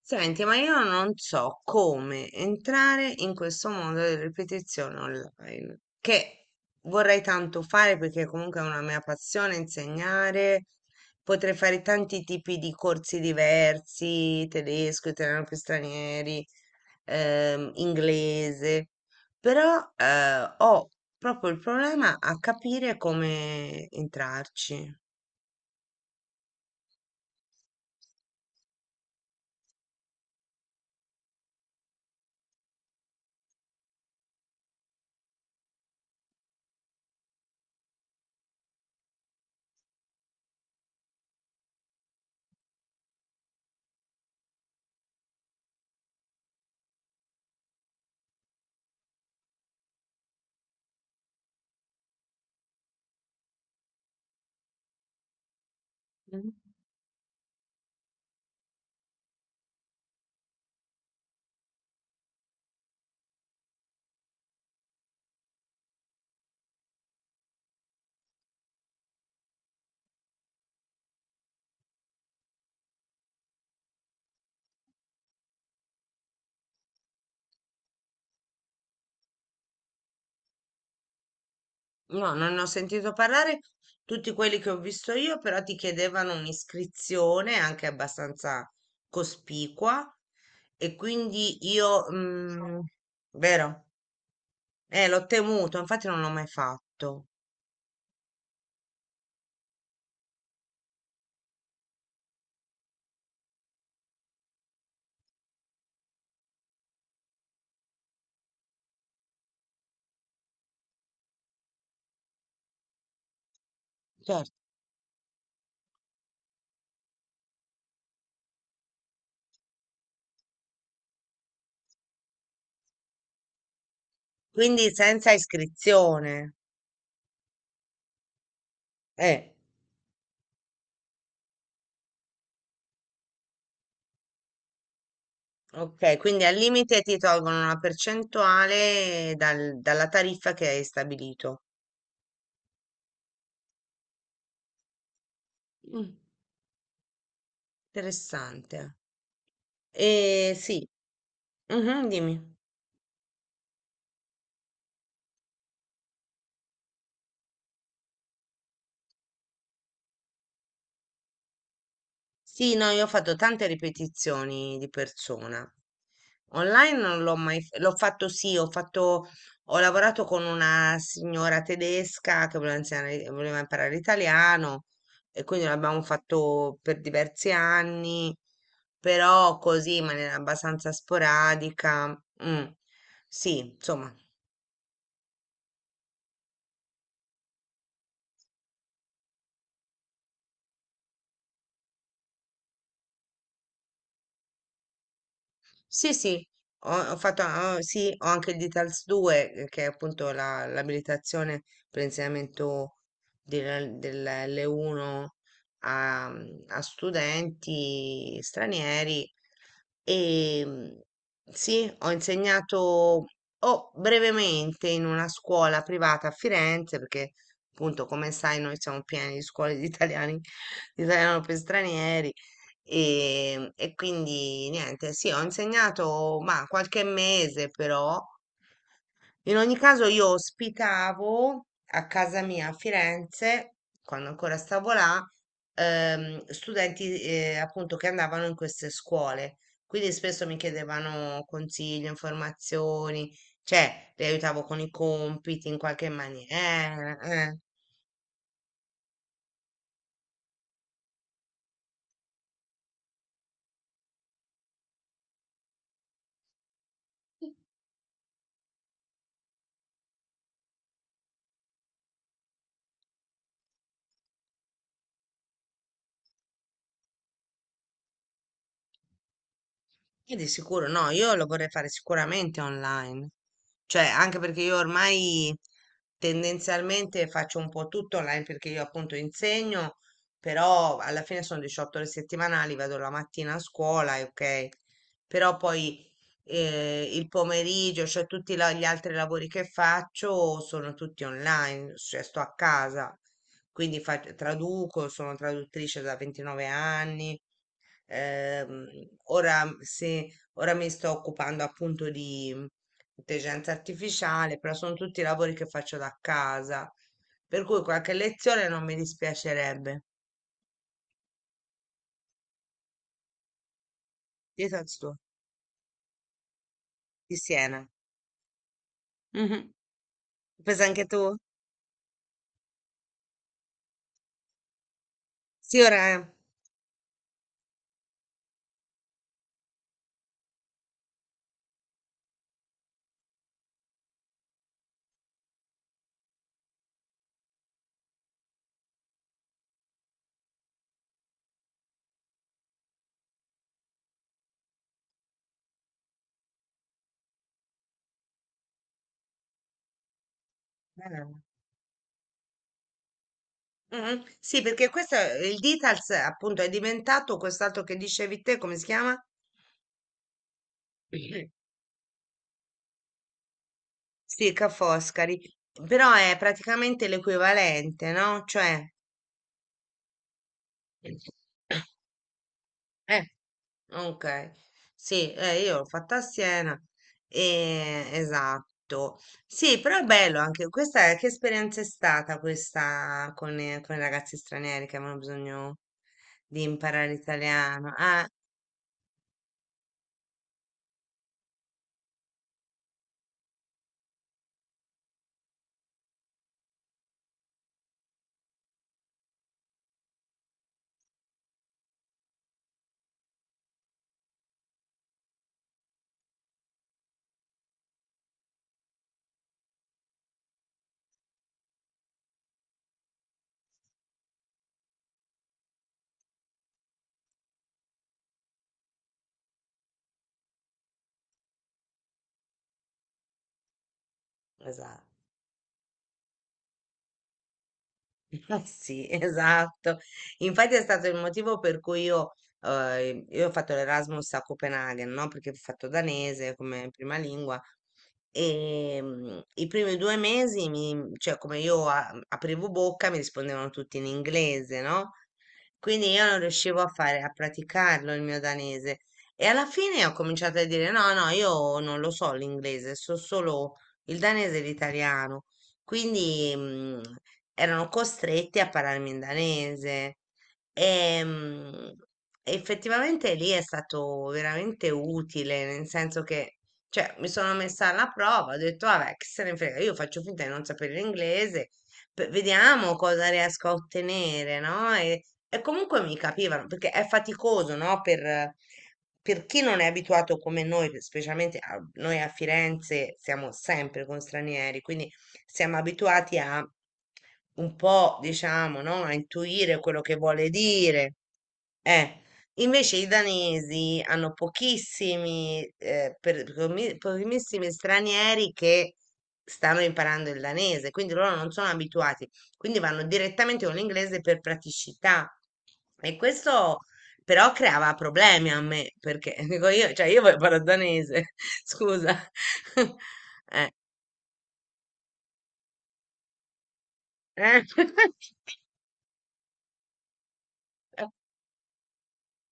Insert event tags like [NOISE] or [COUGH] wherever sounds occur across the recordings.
Senti, ma io non so come entrare in questo mondo delle ripetizioni online, che vorrei tanto fare perché comunque è una mia passione insegnare. Potrei fare tanti tipi di corsi diversi, tedesco, italiano per stranieri, inglese, però ho proprio il problema a capire come entrarci. No, non ne ho sentito parlare. Tutti quelli che ho visto io però ti chiedevano un'iscrizione anche abbastanza cospicua e quindi io, vero? L'ho temuto, infatti non l'ho mai fatto. Certo. Quindi senza iscrizione. Eh, ok, quindi al limite ti tolgono una percentuale dalla tariffa che hai stabilito. Mm, Interessante. Sì. Mhm, dimmi. Sì, no, io ho fatto tante ripetizioni di persona. Online non l'ho mai, l'ho fatto sì, ho lavorato con una signora tedesca che voleva imparare l'italiano e quindi l'abbiamo fatto per diversi anni, però così in maniera abbastanza sporadica. Mm. Sì, insomma. Sì, sì, sì, ho anche il DITALS 2, che è appunto l'abilitazione per l'insegnamento dell'L1 a, a studenti stranieri. E sì, ho insegnato oh, brevemente in una scuola privata a Firenze, perché appunto, come sai, noi siamo pieni di scuole di italiani, di italiano per stranieri. E quindi niente, sì, ho insegnato ma qualche mese però. In ogni caso io ospitavo a casa mia a Firenze, quando ancora stavo là, studenti appunto che andavano in queste scuole. Quindi spesso mi chiedevano consigli, informazioni, cioè li aiutavo con i compiti in qualche maniera. E di sicuro no, io lo vorrei fare sicuramente online, cioè anche perché io ormai tendenzialmente faccio un po' tutto online perché io appunto insegno, però alla fine sono 18 ore settimanali, vado la mattina a scuola, e ok, però poi il pomeriggio, cioè tutti gli altri lavori che faccio sono tutti online, cioè sto a casa, quindi traduco, sono traduttrice da 29 anni. Ehm, ora, se, ora mi sto occupando appunto di intelligenza artificiale, però sono tutti lavori che faccio da casa, per cui qualche lezione non mi dispiacerebbe. Di senti tu? Di Siena. Mhm. Pensa anche tu? Sì, ora. Bene. Mhm. Sì, perché questo il Details appunto è diventato quest'altro che dicevi te, come si chiama? [CLEARS THROAT] Sì, Ca' Foscari, però è praticamente l'equivalente, no? Cioè, [CLEARS THROAT] eh, Ok, sì, io l'ho fatta a Siena, esatto. Sì, però è bello anche questa, che esperienza è stata questa con i ragazzi stranieri che avevano bisogno di imparare l'italiano? Ah, esatto. [LAUGHS] Eh sì, esatto. Infatti è stato il motivo per cui io ho fatto l'Erasmus a Copenaghen, no? Perché ho fatto danese come prima lingua e i primi 2 mesi, cioè come io aprivo bocca, mi rispondevano tutti in inglese, no? Quindi io non riuscivo a fare, a praticarlo il mio danese. E alla fine ho cominciato a dire no, no, io non lo so l'inglese, so solo il danese e l'italiano. Quindi, erano costretti a parlarmi in danese. Ehm, Effettivamente lì è stato veramente utile, nel senso che, cioè, mi sono messa alla prova, ho detto, vabbè, che se ne frega, io faccio finta di non sapere l'inglese, vediamo cosa riesco a ottenere, no? E comunque mi capivano, perché è faticoso, no? Per chi non è abituato come noi, specialmente noi a Firenze siamo sempre con stranieri, quindi siamo abituati a un po', diciamo, no? A intuire quello che vuole dire. Eh, Invece i danesi hanno pochissimi stranieri che stanno imparando il danese, quindi loro non sono abituati, quindi vanno direttamente con l'inglese per praticità. E questo però creava problemi a me, perché [LAUGHS] dico io, cioè io voglio parlare danese, [LAUGHS] scusa. [LAUGHS] Eh. eh. [LAUGHS]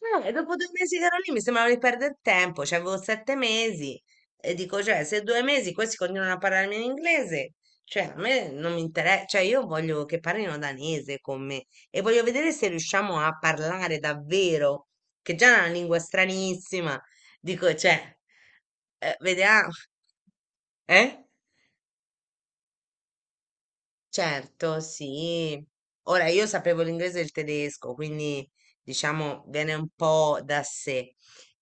E dopo 2 mesi che ero lì mi sembrava di perdere tempo, cioè avevo 7 mesi e dico, cioè, se 2 mesi questi continuano a parlarmi in inglese, cioè a me non mi interessa, cioè io voglio che parlino danese con me e voglio vedere se riusciamo a parlare davvero, che già è una lingua stranissima, dico, cioè, vediamo, eh? Certo, sì. Ora io sapevo l'inglese e il tedesco, quindi diciamo viene un po' da sé.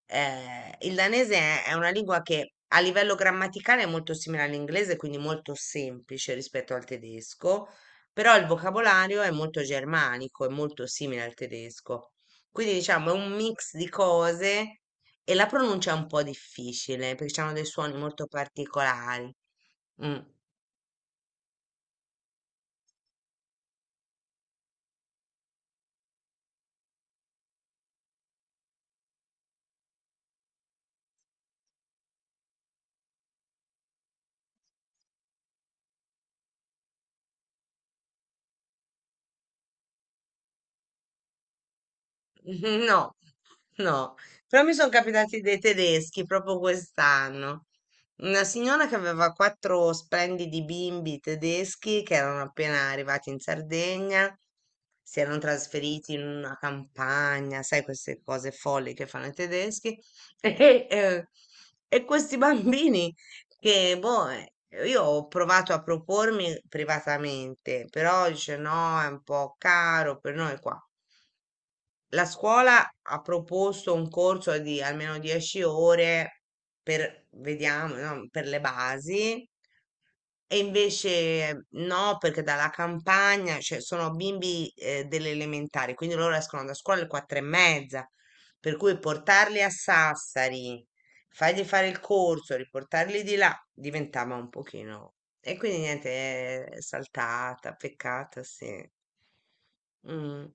Il danese è una lingua che a livello grammaticale è molto simile all'inglese, quindi molto semplice rispetto al tedesco, però il vocabolario è molto germanico, è molto simile al tedesco. Quindi diciamo è un mix di cose e la pronuncia è un po' difficile perché hanno dei suoni molto particolari. Mm. [LAUGHS] No, no, però mi sono capitati dei tedeschi proprio quest'anno. Una signora che aveva quattro splendidi bimbi tedeschi che erano appena arrivati in Sardegna, si erano trasferiti in una campagna, sai, queste cose folli che fanno i tedeschi. [LAUGHS] E, eh, e questi bambini boh, io ho provato a propormi privatamente, però dice no, è un po' caro per noi qua. La scuola ha proposto un corso di almeno 10 ore per, vediamo, no, per le basi e invece no, perché dalla campagna, cioè sono bimbi delle elementari, quindi loro escono da scuola alle 4:30, per cui portarli a Sassari, fargli fare il corso, riportarli di là, diventava un pochino. E quindi niente, è saltata, peccata, sì. Mm.